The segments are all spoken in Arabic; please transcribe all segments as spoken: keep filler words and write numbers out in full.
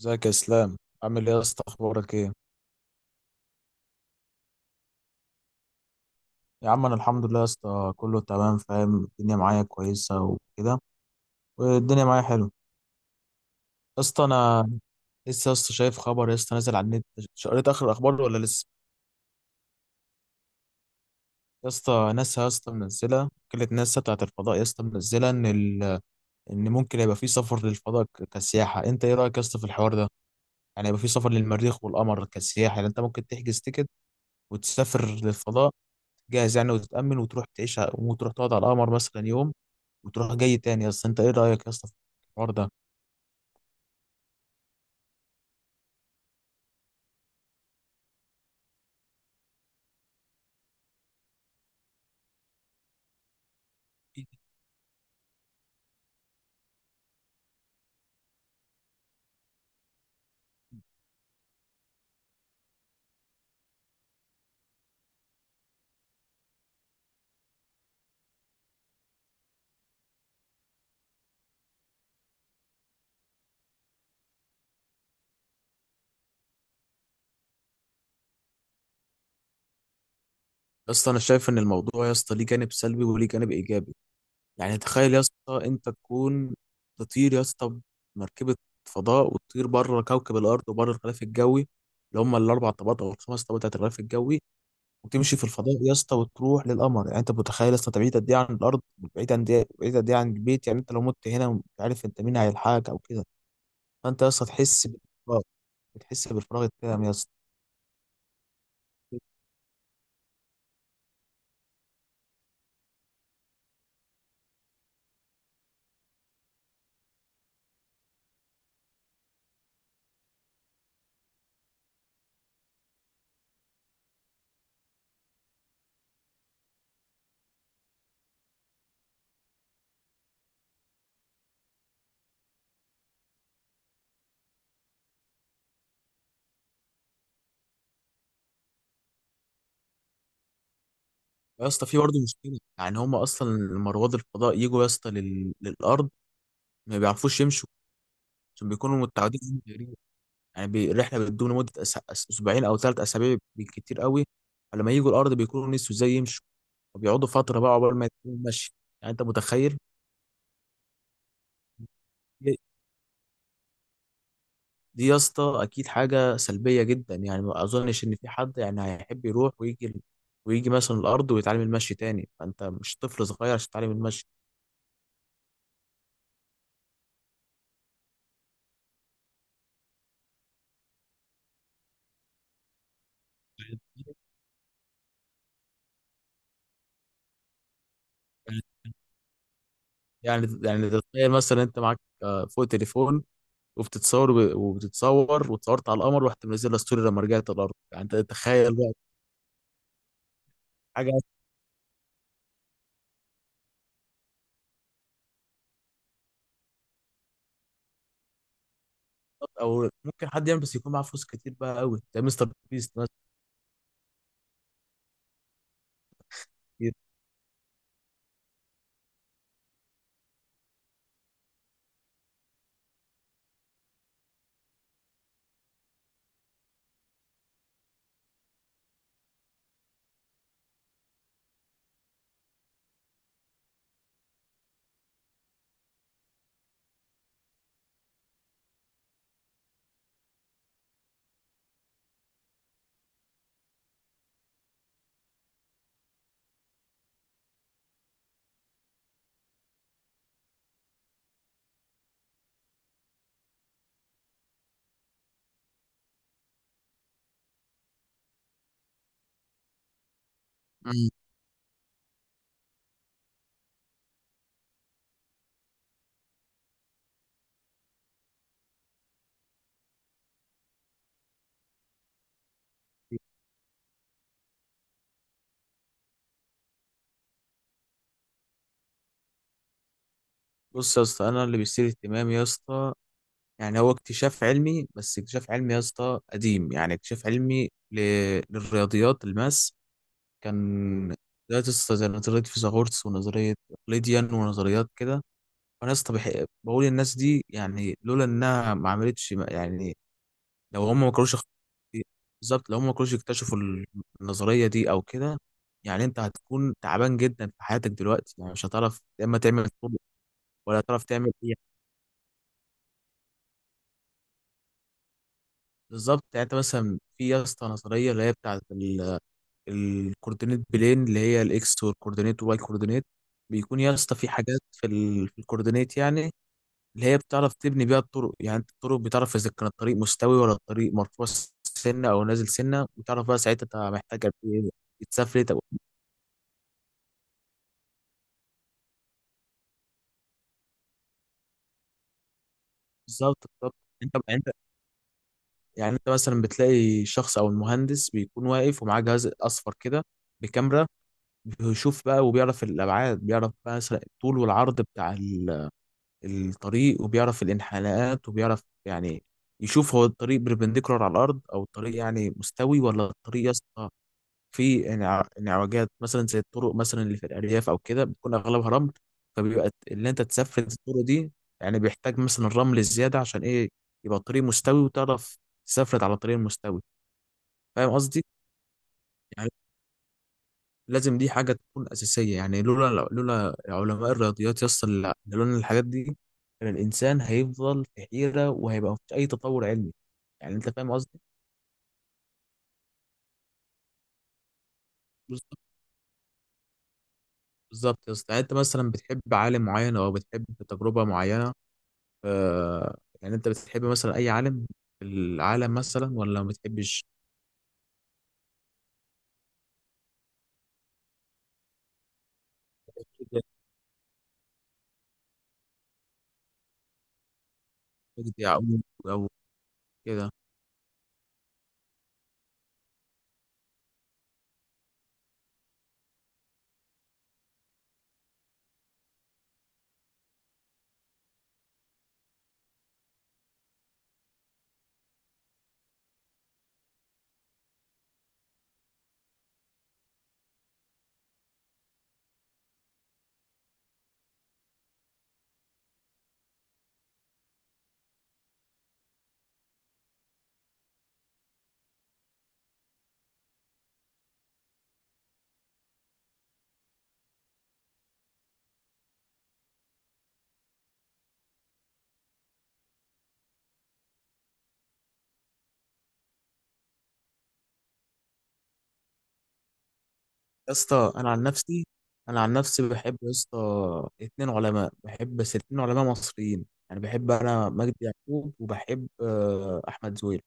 ازيك يا اسلام؟ عامل ايه يا اسطى؟ اخبارك ايه؟ يا عم، انا الحمد لله يا اسطى، كله تمام، فاهم الدنيا معايا كويسه وكده، والدنيا معايا حلو يا اسطى. انا لسه يا اسطى شايف خبر يا اسطى نازل على النت. ش- قريت اخر الاخبار ولا لسه؟ يا اسطى ناسا يا اسطى منزله، وكاله ناسا بتاعت الفضاء يا اسطى منزله ان ال... ان ممكن يبقى في سفر للفضاء ك- كسياحه. انت ايه رايك يا اسطى في الحوار ده؟ يعني يبقى في سفر للمريخ والقمر كسياحه، يعني انت ممكن تحجز تيكت وتسافر للفضاء جاهز، يعني وتتامن وتروح تعيش ع- وتروح تقعد على القمر مثلا يوم وتروح جاي تاني. يا اسطى انت ايه رايك يا اسطى في الحوار ده؟ يا اسطى انا شايف ان الموضوع يا اسطى ليه جانب سلبي وليه جانب ايجابي. يعني تخيل يا اسطى انت تكون تطير يا اسطى بمركبه فضاء وتطير بره كوكب الارض وبره الغلاف الجوي اللي هم الاربع طبقات او الخمس طبقات بتاعت الغلاف الجوي، وتمشي في الفضاء يا اسطى وتروح للقمر. يعني انت متخيل يا اسطى بعيد قد ايه عن الارض؟ بعيد عن دي- بعيد قد ايه عن البيت؟ يعني انت لو مت هنا مش عارف انت مين هيلحقك او كده. فانت يا اسطى تحس بالفراغ، بتحس بالفراغ التام يا اسطى. يا اسطى في برضه مشكله، يعني هم اصلا لما رواد الفضاء يجوا يا اسطى لل... للارض ما بيعرفوش يمشوا عشان بيكونوا متعودين على الجري. يعني بي... الرحله بتدوم لمده أس... أس... اسبوعين او ثلاث اسابيع بالكتير قوي. فلما يجوا الارض بيكونوا نسوا ازاي يمشوا وبيقعدوا فتره بقى عقبال ما يكونوا ماشي. يعني انت متخيل؟ دي دي يا اسطى اكيد حاجه سلبيه جدا، يعني ما اظنش ان في حد يعني هيحب يروح ويجي ويجي مثلا الارض ويتعلم المشي تاني. فانت مش طفل صغير عشان تتعلم المشي. يعني يعني تخيل مثلا انت معاك آه، فوق تليفون، وبتتصور وب- وبتتصور وتصورت على القمر ورحت منزلها ستوري لما رجعت الارض. يعني انت تخيل بقى حاجه، او ممكن حد يعمل بس يكون معاه فلوس كتير بقى قوي زي مستر بيست. ناس كتير. مم. بص يا اسطى، انا اللي بيثير اهتمامي يا اسطى يعني هو اكتشاف علمي، بس اكتشاف علمي يا اسطى قديم. يعني اكتشاف علمي ل... للرياضيات. الماس كان نظريات يا اسطى زي نظريه فيثاغورس ونظريه اقليديان ونظريات كده. انا يا اسطى بح- بقول الناس دي يعني لولا انها ما عملتش، يعني لو هم ما كانوش اخت- بالظبط، لو هم ما كانوش يكتشفوا النظريه دي او كده، يعني انت هتكون تعبان جدا في حياتك دلوقتي. يعني مش هتعرف يا اما تعمل طب ولا هتعرف تعمل ايه. بالظبط. يعني انت مثلا في يا اسطى نظريه اللي هي بتاعت ال- الكوردينيت بلين، اللي هي الاكس والكوردينيت والواي كوردينيت. بيكون يا اسطى في حاجات في ال- في الكوردينيت، يعني اللي هي بتعرف تبني بيها الطرق. يعني انت الطرق بتعرف اذا كان الطريق مستوي ولا الطريق مرفوع سنه او نازل سنه، وتعرف بقى ساعتها انت محتاج قد ايه تسافر طب. بالظبط بالظبط. انت انت يعني انت مثلا بتلاقي شخص او المهندس بيكون واقف ومعاه جهاز اصفر كده بكاميرا، بيشوف بقى وبيعرف الابعاد، بيعرف بقى مثلا الطول والعرض بتاع ال- الطريق، وبيعرف الانحناءات، وبيعرف يعني يشوف هو الطريق بربنديكولار على الارض او الطريق يعني مستوي، ولا الطريق يا اسطى في انع- انعوجات مثلا زي الطرق مثلا اللي في الارياف او كده بتكون اغلبها رمل. فبيبقى اللي انت تسفل الطرق دي يعني بيحتاج مثلا الرمل الزياده عشان ايه يبقى الطريق مستوي وتعرف تسفلت على الطريق المستوي. فاهم قصدي؟ يعني لازم دي حاجه تكون اساسيه. يعني لولا لولا علماء الرياضيات يصل، لولا الحاجات دي كان الانسان هيفضل في حيره وهيبقى مفيش اي تطور علمي. يعني انت فاهم قصدي. بالظبط بالظبط يا اسطى. يعني انت مثلا بتحب عالم معين او بتحب تجربه معينه؟ آه، يعني انت بتحب مثلا اي عالم في العالم مثلا ولا ما بتحبش؟ مجدي يعقوب او كده. يا اسطى انا عن نفسي انا عن نفسي بحب يا اسطى اتنين علماء. بحب بس اتنين علماء مصريين، يعني بحب انا مجدي يعقوب وبحب آه احمد زويل.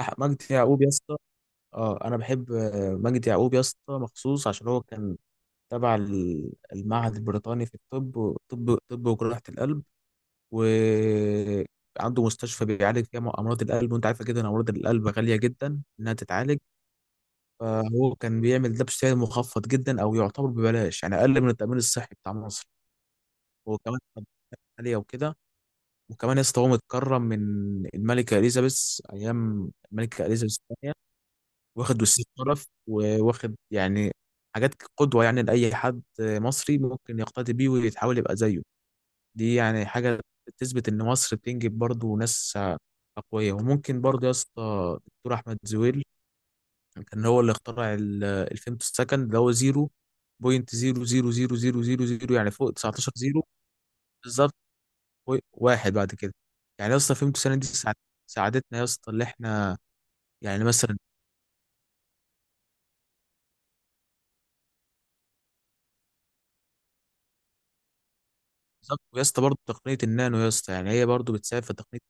أح مجدي يعقوب يا اسطى. اه انا بحب آه مجدي يعقوب يا اسطى مخصوص عشان هو كان تبع ال- المعهد البريطاني في الطب طب طب وجراحة القلب، وعنده مستشفى بيعالج فيها امراض القلب. وانت عارفه جدا امراض القلب غاليه جدا انها تتعالج. فهو كان بيعمل ده بسعر مخفض جدا، او يعتبر ببلاش يعني، اقل من التامين الصحي بتاع مصر. هو كمان كان عاليه وكده. وكمان يا اسطى هو متكرم من الملكه اليزابيث، ايام الملكه اليزابيث الثانيه. واخد وسيم شرف وواخد يعني حاجات قدوه، يعني لاي حد مصري ممكن يقتدي بيه ويتحاول يبقى زيه. دي يعني حاجة تثبت إن مصر بتنجب برضه ناس أقوياء. وممكن برضه يا اسطى دكتور أحمد زويل كان هو اللي اخترع ال- الفيمتو سكند، اللي هو زيرو بوينت زيرو زيرو زيرو زيرو زيرو زيرو، يعني فوق تسعتاشر زيرو بالظبط و- واحد بعد كده. يعني يا اسطى فيمتو سكند دي ساعد- ساعدتنا يا اسطى اللي احنا يعني مثلا. بالظبط. ويا اسطى برضه تقنية النانو يا اسطى، يعني هي برضه بتساعد في تقنية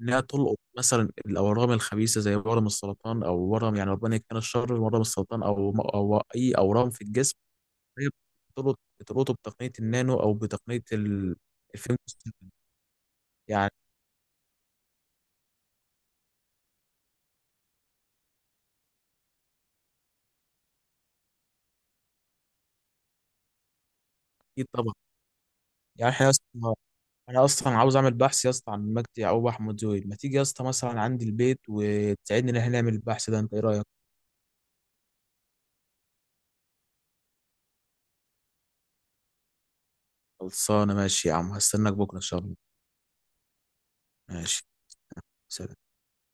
انها تلقط مثلا الاورام الخبيثه زي ورم السرطان او ورم، يعني ربنا يكفينا الشر، ورم السرطان او او اي اورام في الجسم. هي بتلقط بتلقطه بتقنيه النانو او بتقنيه ال- الفيلم. يعني اكيد طبعا. يعني احنا يا اسطى انا اصلا عاوز اعمل بحث يا اسطى عن مجدي يعقوب احمد زويل. ما تيجي يا اسطى مثلا عندي البيت وتساعدني ان احنا نعمل البحث ده؟ انت ايه رايك؟ خلصانه. ماشي يا عم، هستناك بكره ان شاء الله. ماشي. سلام.